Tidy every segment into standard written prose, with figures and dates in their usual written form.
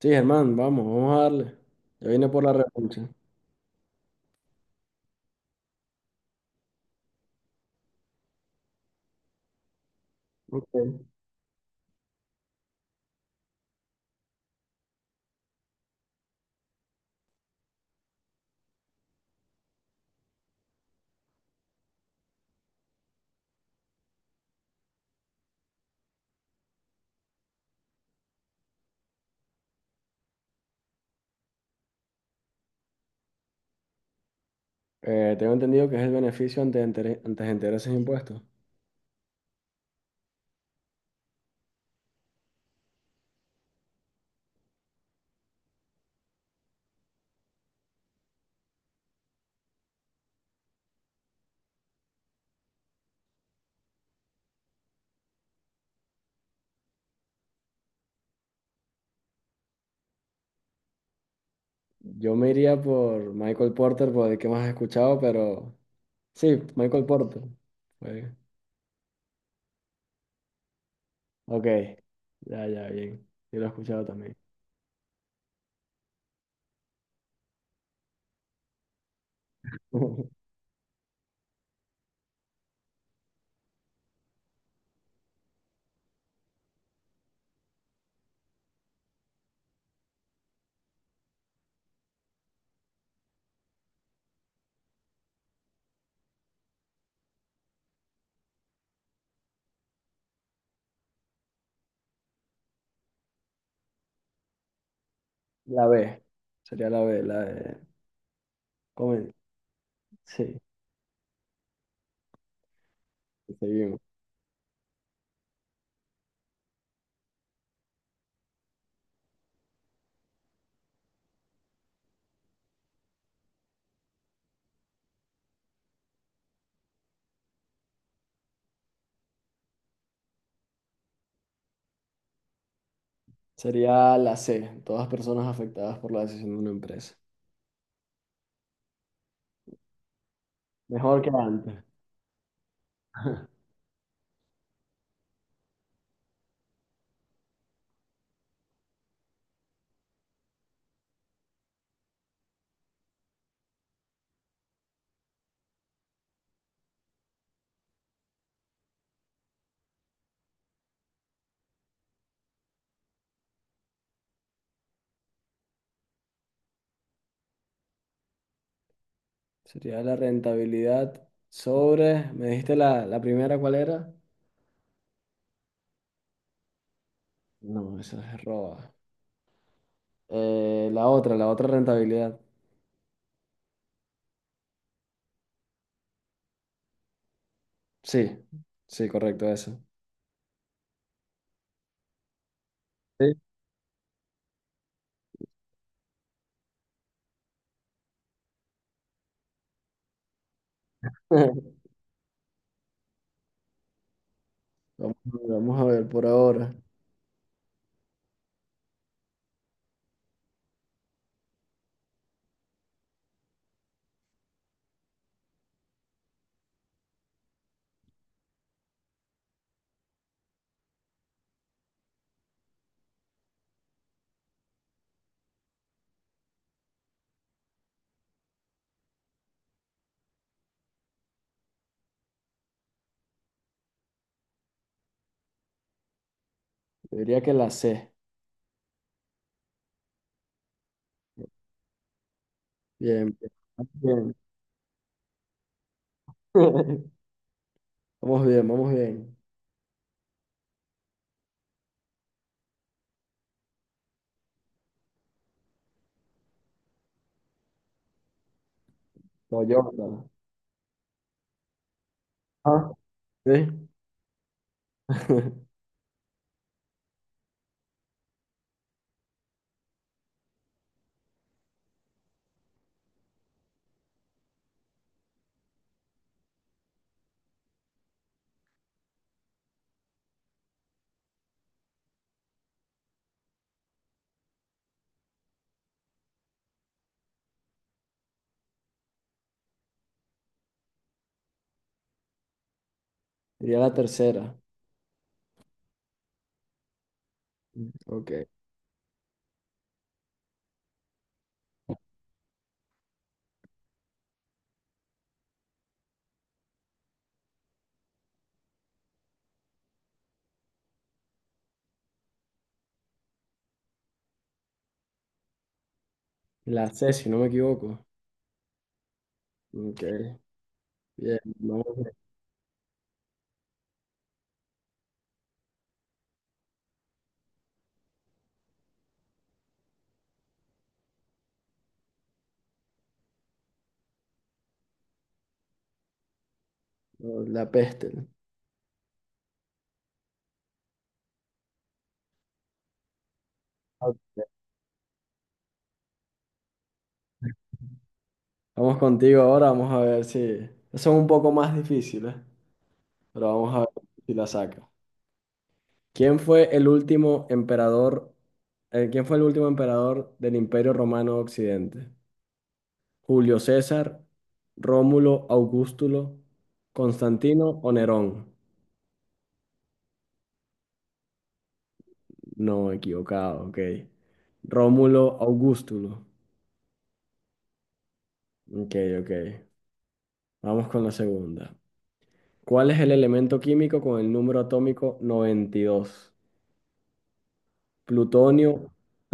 Sí, Germán, vamos, vamos a darle. Yo vine por la revancha. Ok. Tengo entendido que es el beneficio ante intereses e impuestos. Yo me iría por Michael Porter, por el que más he escuchado, pero sí, Michael Porter. Fue- Ok, ya, ya, bien. Yo lo he escuchado también. La B, sería la B, comen- Sí, seguimos. Sería la C, todas personas afectadas por la decisión de una empresa. Mejor que antes. Sería la rentabilidad sobre, me dijiste la primera, ¿cuál era? No, esa es Roba. La otra rentabilidad. Sí, sí, correcto, eso. Sí. Vamos a ver por ahora. Yo diría que la C. Bien, bien. Vamos bien. Vamos bien, vamos bien. Toyota. Ah, sí. Diría la tercera. Ok. La C, si no me equivoco. Ok. Bien, vamos bien. La peste. Vamos contigo ahora, vamos a ver si. Son un poco más difíciles, pero vamos a ver si la saca. ¿Quién fue el último emperador del Imperio Romano de Occidente? ¿Julio César, Rómulo, Augustulo, Constantino o Nerón? No, equivocado, ok. Rómulo, Augustulo. Ok, ok. Vamos con la segunda. ¿Cuál es el elemento químico con el número atómico 92? Plutonio,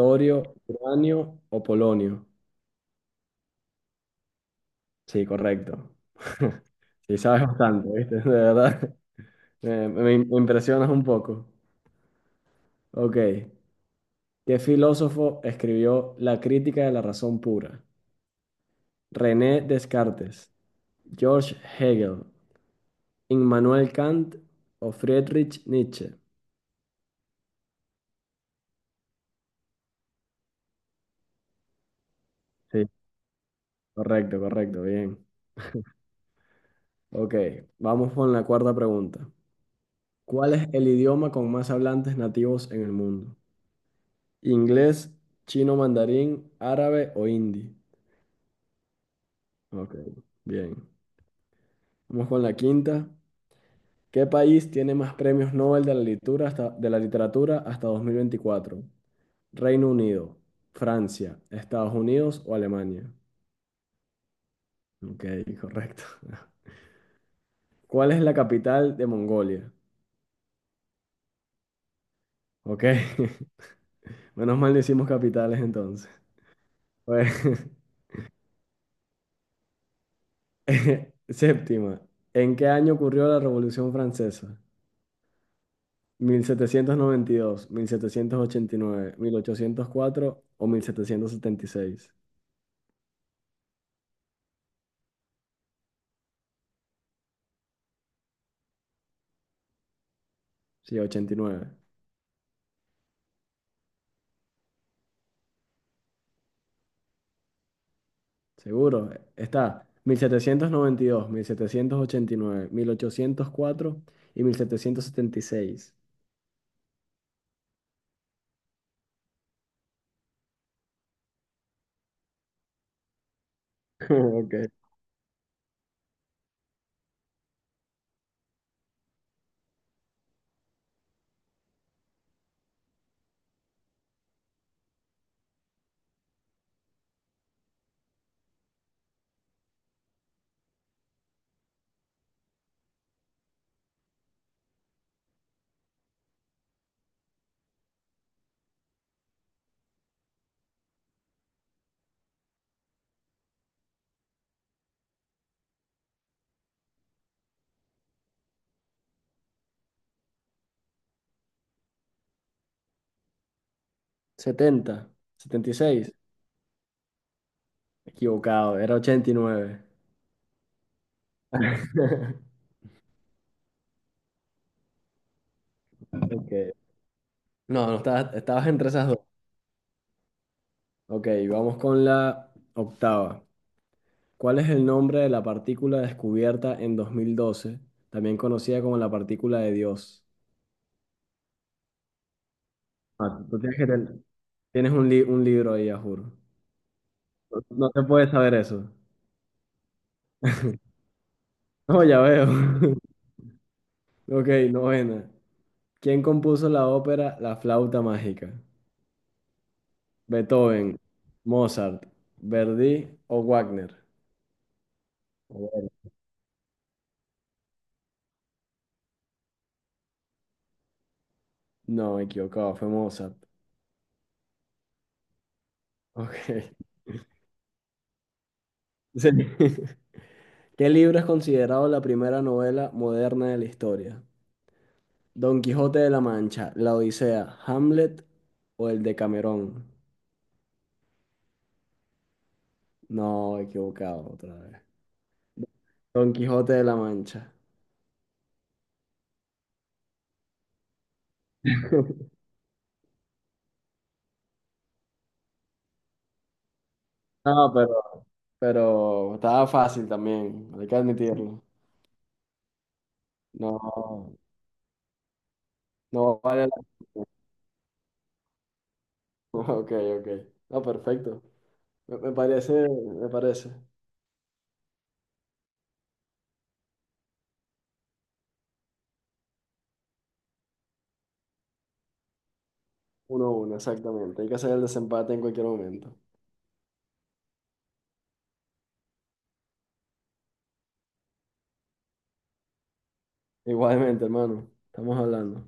torio, uranio o polonio. Sí, correcto. Sí, sabes bastante, ¿viste? De verdad. Me impresionas un poco. Ok. ¿Qué filósofo escribió La crítica de la razón pura? René Descartes, George Hegel, Immanuel Kant o Friedrich Nietzsche. Sí, correcto, correcto, bien. Ok, vamos con la cuarta pregunta. ¿Cuál es el idioma con más hablantes nativos en el mundo? Inglés, chino mandarín, árabe o hindi. Ok, bien. Vamos con la quinta. ¿Qué país tiene más premios Nobel de la literatura hasta 2024? Reino Unido, Francia, Estados Unidos o Alemania. Ok, correcto. ¿Cuál es la capital de Mongolia? Ok, menos mal decimos capitales entonces. Pues, séptima. ¿En qué año ocurrió la Revolución Francesa? Mil setecientos noventa y dos, 1789, 1804 o 1776. Sí, ochenta y nueve. Seguro. Está 1792, mil setecientos ochenta y nueve, 1804 y mil setecientos setenta 1776. Ok. Setenta, setenta y seis. Equivocado, era ochenta y nueve. Ok. No, no estabas, estabas entre esas dos. Ok, vamos con la octava. ¿Cuál es el nombre de la partícula descubierta en 2012, también conocida como la partícula de Dios? Ah, tú tienes que tienes un libro ahí, a juro. No, no te puedes saber eso. No, ya veo. Ok, novena. ¿Quién compuso la ópera La flauta mágica? ¿Beethoven, Mozart, Verdi o Wagner? Joder. No, me equivocaba, fue Mozart. Ok. Sí. ¿Qué libro es considerado la primera novela moderna de la historia? Don Quijote de la Mancha, La Odisea, Hamlet o el de Camerón. No, equivocado otra vez. Don Quijote de la Mancha. No, pero estaba fácil también, hay que admitirlo. No, no vale la Ok, ok. No, perfecto. Me parece. Uno a uno, exactamente. Hay que hacer el desempate en cualquier momento. Igualmente, hermano. Estamos hablando.